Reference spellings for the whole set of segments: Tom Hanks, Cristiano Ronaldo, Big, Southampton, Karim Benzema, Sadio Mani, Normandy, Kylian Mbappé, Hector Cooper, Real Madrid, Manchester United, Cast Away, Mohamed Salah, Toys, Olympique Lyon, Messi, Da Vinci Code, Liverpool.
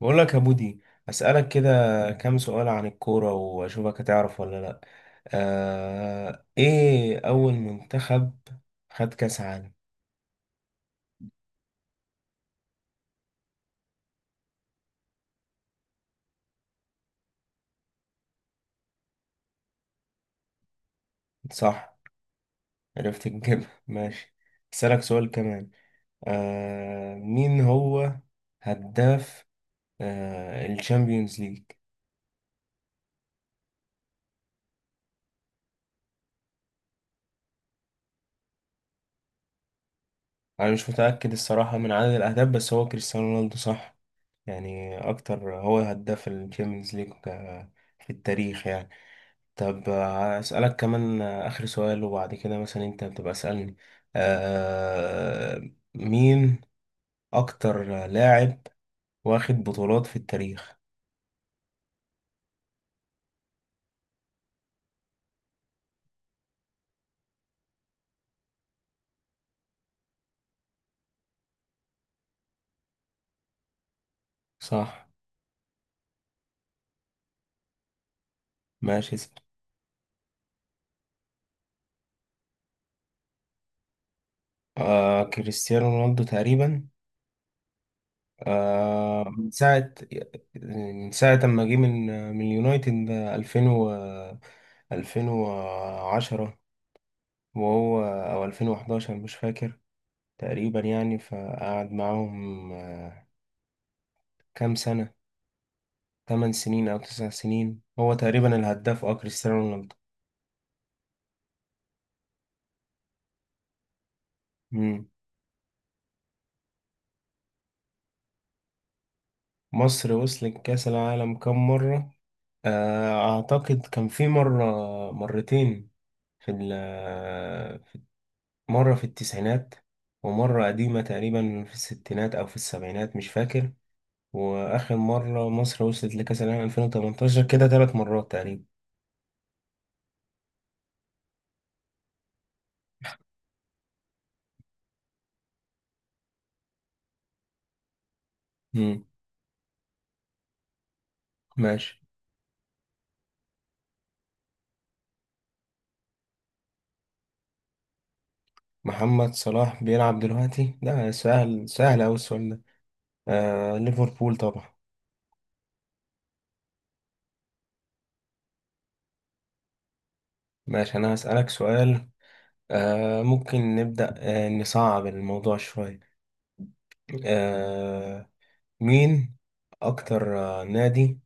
بقول لك يا بودي، أسألك كده كام سؤال عن الكورة، وأشوفك هتعرف ولا لأ. إيه أول منتخب خد كأس عالم؟ صح، عرفت تجيبها ماشي. أسألك سؤال كمان. مين هو هداف الشامبيونز ليج؟ أنا مش متأكد الصراحة من عدد الأهداف، بس هو كريستيانو رونالدو صح. يعني أكتر هو هداف الشامبيونز ليج في التاريخ يعني. طب هسألك كمان آخر سؤال، وبعد كده مثلا أنت بتبقى اسألني. آه مين أكتر لاعب واخد بطولات في التاريخ؟ صح، ماشي اسأل. كريستيانو رونالدو تقريبا، من ساعة ما جه من اليونايتد 2000 و 2010، وهو أو 2011 مش فاكر، تقريبا يعني. فقعد معاهم كام سنة، 8 سنين أو 9 سنين، هو تقريبا الهداف كريستيانو رونالدو. مم. مصر وصلت كأس العالم كم مرة؟ أعتقد كان في مرة، مرتين، في ال- مرة في التسعينات، ومرة قديمة تقريبا في الستينات أو في السبعينات مش فاكر، وآخر مرة مصر وصلت لكأس العالم 2018. كده 3 مرات تقريبا. مم. ماشي. محمد صلاح بيلعب دلوقتي، ده سهل سهل أوي السؤال ده. ليفربول طبعا. ماشي، أنا هسألك سؤال. ممكن نبدأ، نصعب الموضوع شوية. آه مين أكتر نادي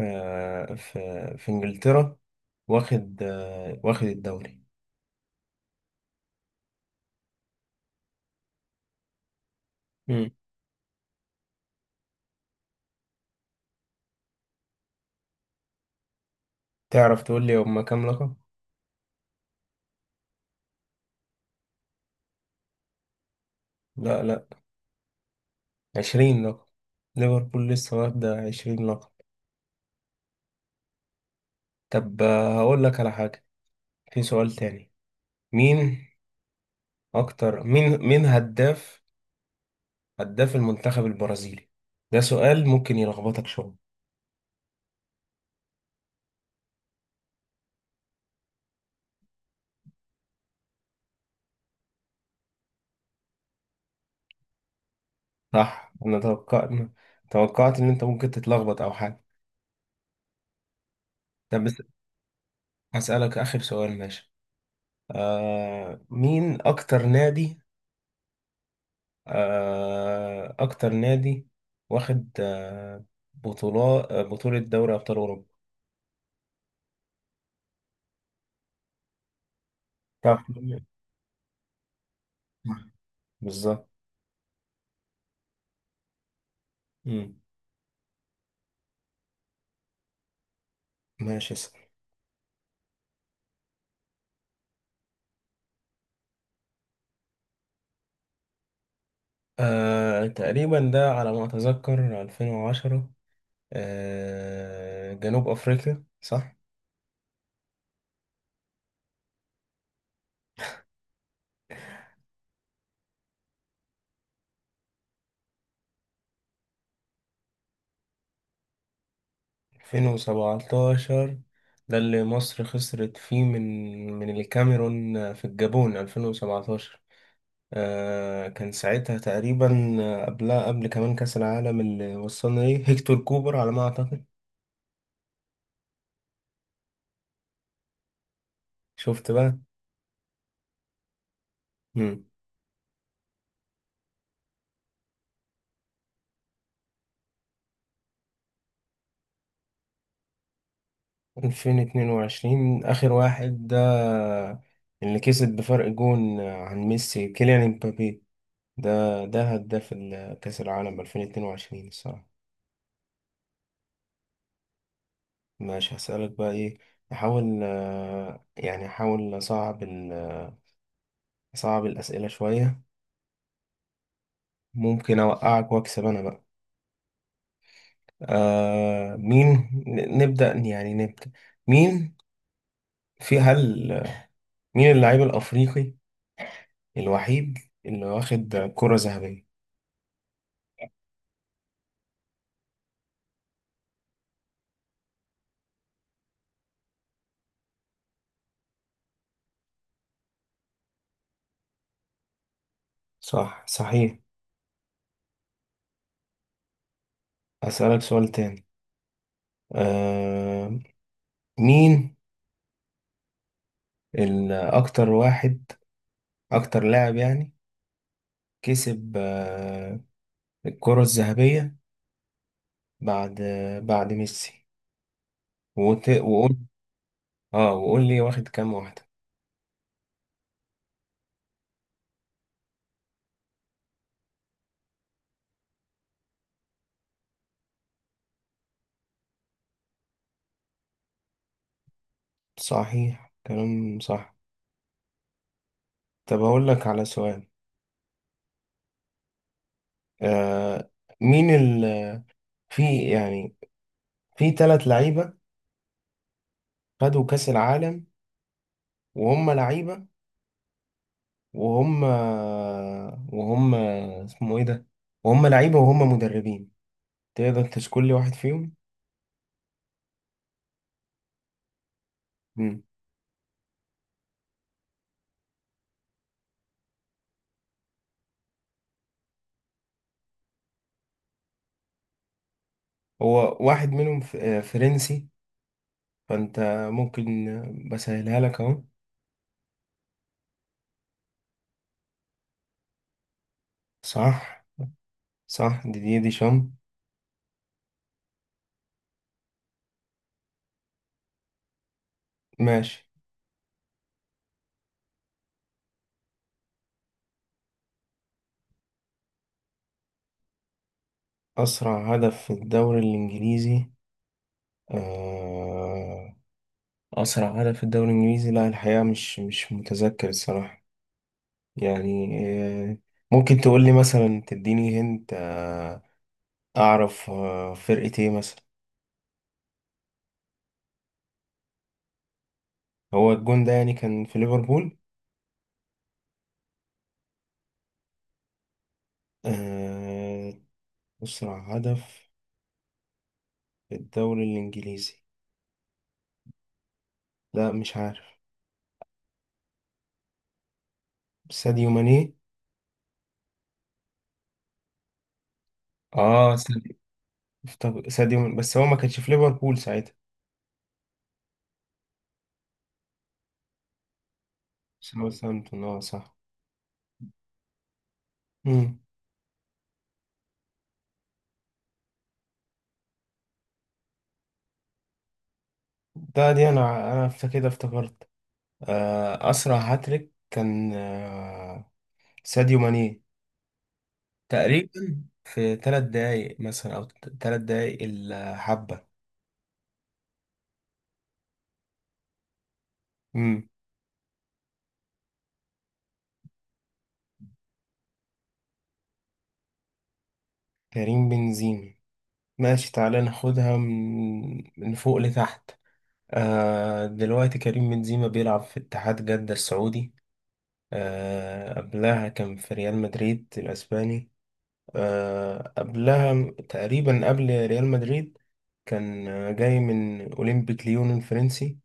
في إنجلترا واخد واخد الدوري؟ مم. تعرف تقول لي هما كام لقب؟ لا، لا، 20 لقب. ليفربول لسه واخدة 20 لقب. طب هقول لك على حاجة، في سؤال تاني. مين أكتر، مين هداف المنتخب البرازيلي؟ ده سؤال ممكن يلخبطك شوية. صح، انا توقعت، ان انت ممكن تتلخبط او حاجه. طب بس، هسألك اخر سؤال، ماشي. مين اكتر نادي، آه اكتر نادي واخد بطولة دوري ابطال اوروبا؟ صح، صح، بالظبط. مم. ماشي اسأل. تقريبا ده على ما اتذكر 2010، جنوب افريقيا صح. 2017، ده اللي مصر خسرت فيه من الكاميرون في الجابون 2017. كان ساعتها تقريبا، قبلها قبل كمان كأس العالم اللي وصلنا ليه، هيكتور كوبر على ما أعتقد. شفت بقى. مم. 2022 آخر واحد ده، اللي كسب بفرق جون عن ميسي، كيليان امبابي، ده ده هداف كأس العالم 2022 الصراحة. ماشي هسألك بقى ايه، احاول يعني احاول اصعب اصعب الأسئلة شوية، ممكن اوقعك واكسب انا بقى. مين، نبدأ يعني نبدأ. مين في هل مين اللاعب الأفريقي الوحيد اللي واخد كرة ذهبية؟ صح، صحيح. هسألك سؤال تاني. آه مين، الأكتر واحد أكتر لاعب يعني، كسب الكرة الذهبية بعد، ميسي، وقول، اه وقول لي واخد كام واحدة. صحيح، كلام صح. طب اقول لك على سؤال. آه مين في يعني، في ثلاث لعيبة خدوا كأس العالم، وهم لعيبة وهم وهم اسمه ايه ده، وهم لعيبة وهم مدربين. تقدر تشكل لي واحد فيهم؟ مم. هو واحد منهم، فرنسي. فانت ممكن بسهلها لك اهو. صح، دي شام. ماشي. أسرع هدف في الدوري الإنجليزي. آه أسرع هدف في الدوري الإنجليزي، لا الحقيقة مش متذكر الصراحة يعني. آه ممكن تقول لي مثلا، تديني هنت أعرف فرقة إيه مثلا. هو الجون ده يعني كان في ليفربول؟ آه أسرع هدف في الدوري الإنجليزي، لا مش عارف. ساديو ماني. ساديو. ساديو ماني. بس هو ما كانش في ليفربول ساعتها. ساوثهامبتون صح. مم. ده، دي انا انا كده افتكرت. اسرع هاتريك كان ساديو ماني، تقريبا في 3 دقايق مثلا، او 3 دقايق الحبه. امم. كريم بنزيما، ماشي تعالى ناخدها من فوق لتحت. دلوقتي كريم بنزيما بيلعب في اتحاد جدة السعودي. قبلها كان في ريال مدريد الاسباني. قبلها تقريبا قبل ريال مدريد، كان جاي من أولمبيك ليون الفرنسي.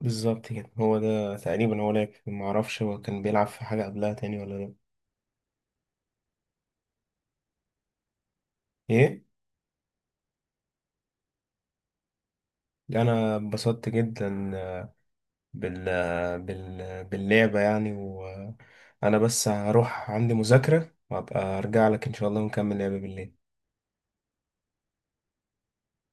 بالظبط كده، هو ده تقريبا. هو معرفش هو كان بيلعب في حاجة قبلها تاني ولا لأ. إيه؟ أنا اتبسطت جدا باللعبة يعني. وأنا بس هروح، عندي مذاكرة، وأبقى أرجع لك إن شاء الله ونكمل لعبة بالليل.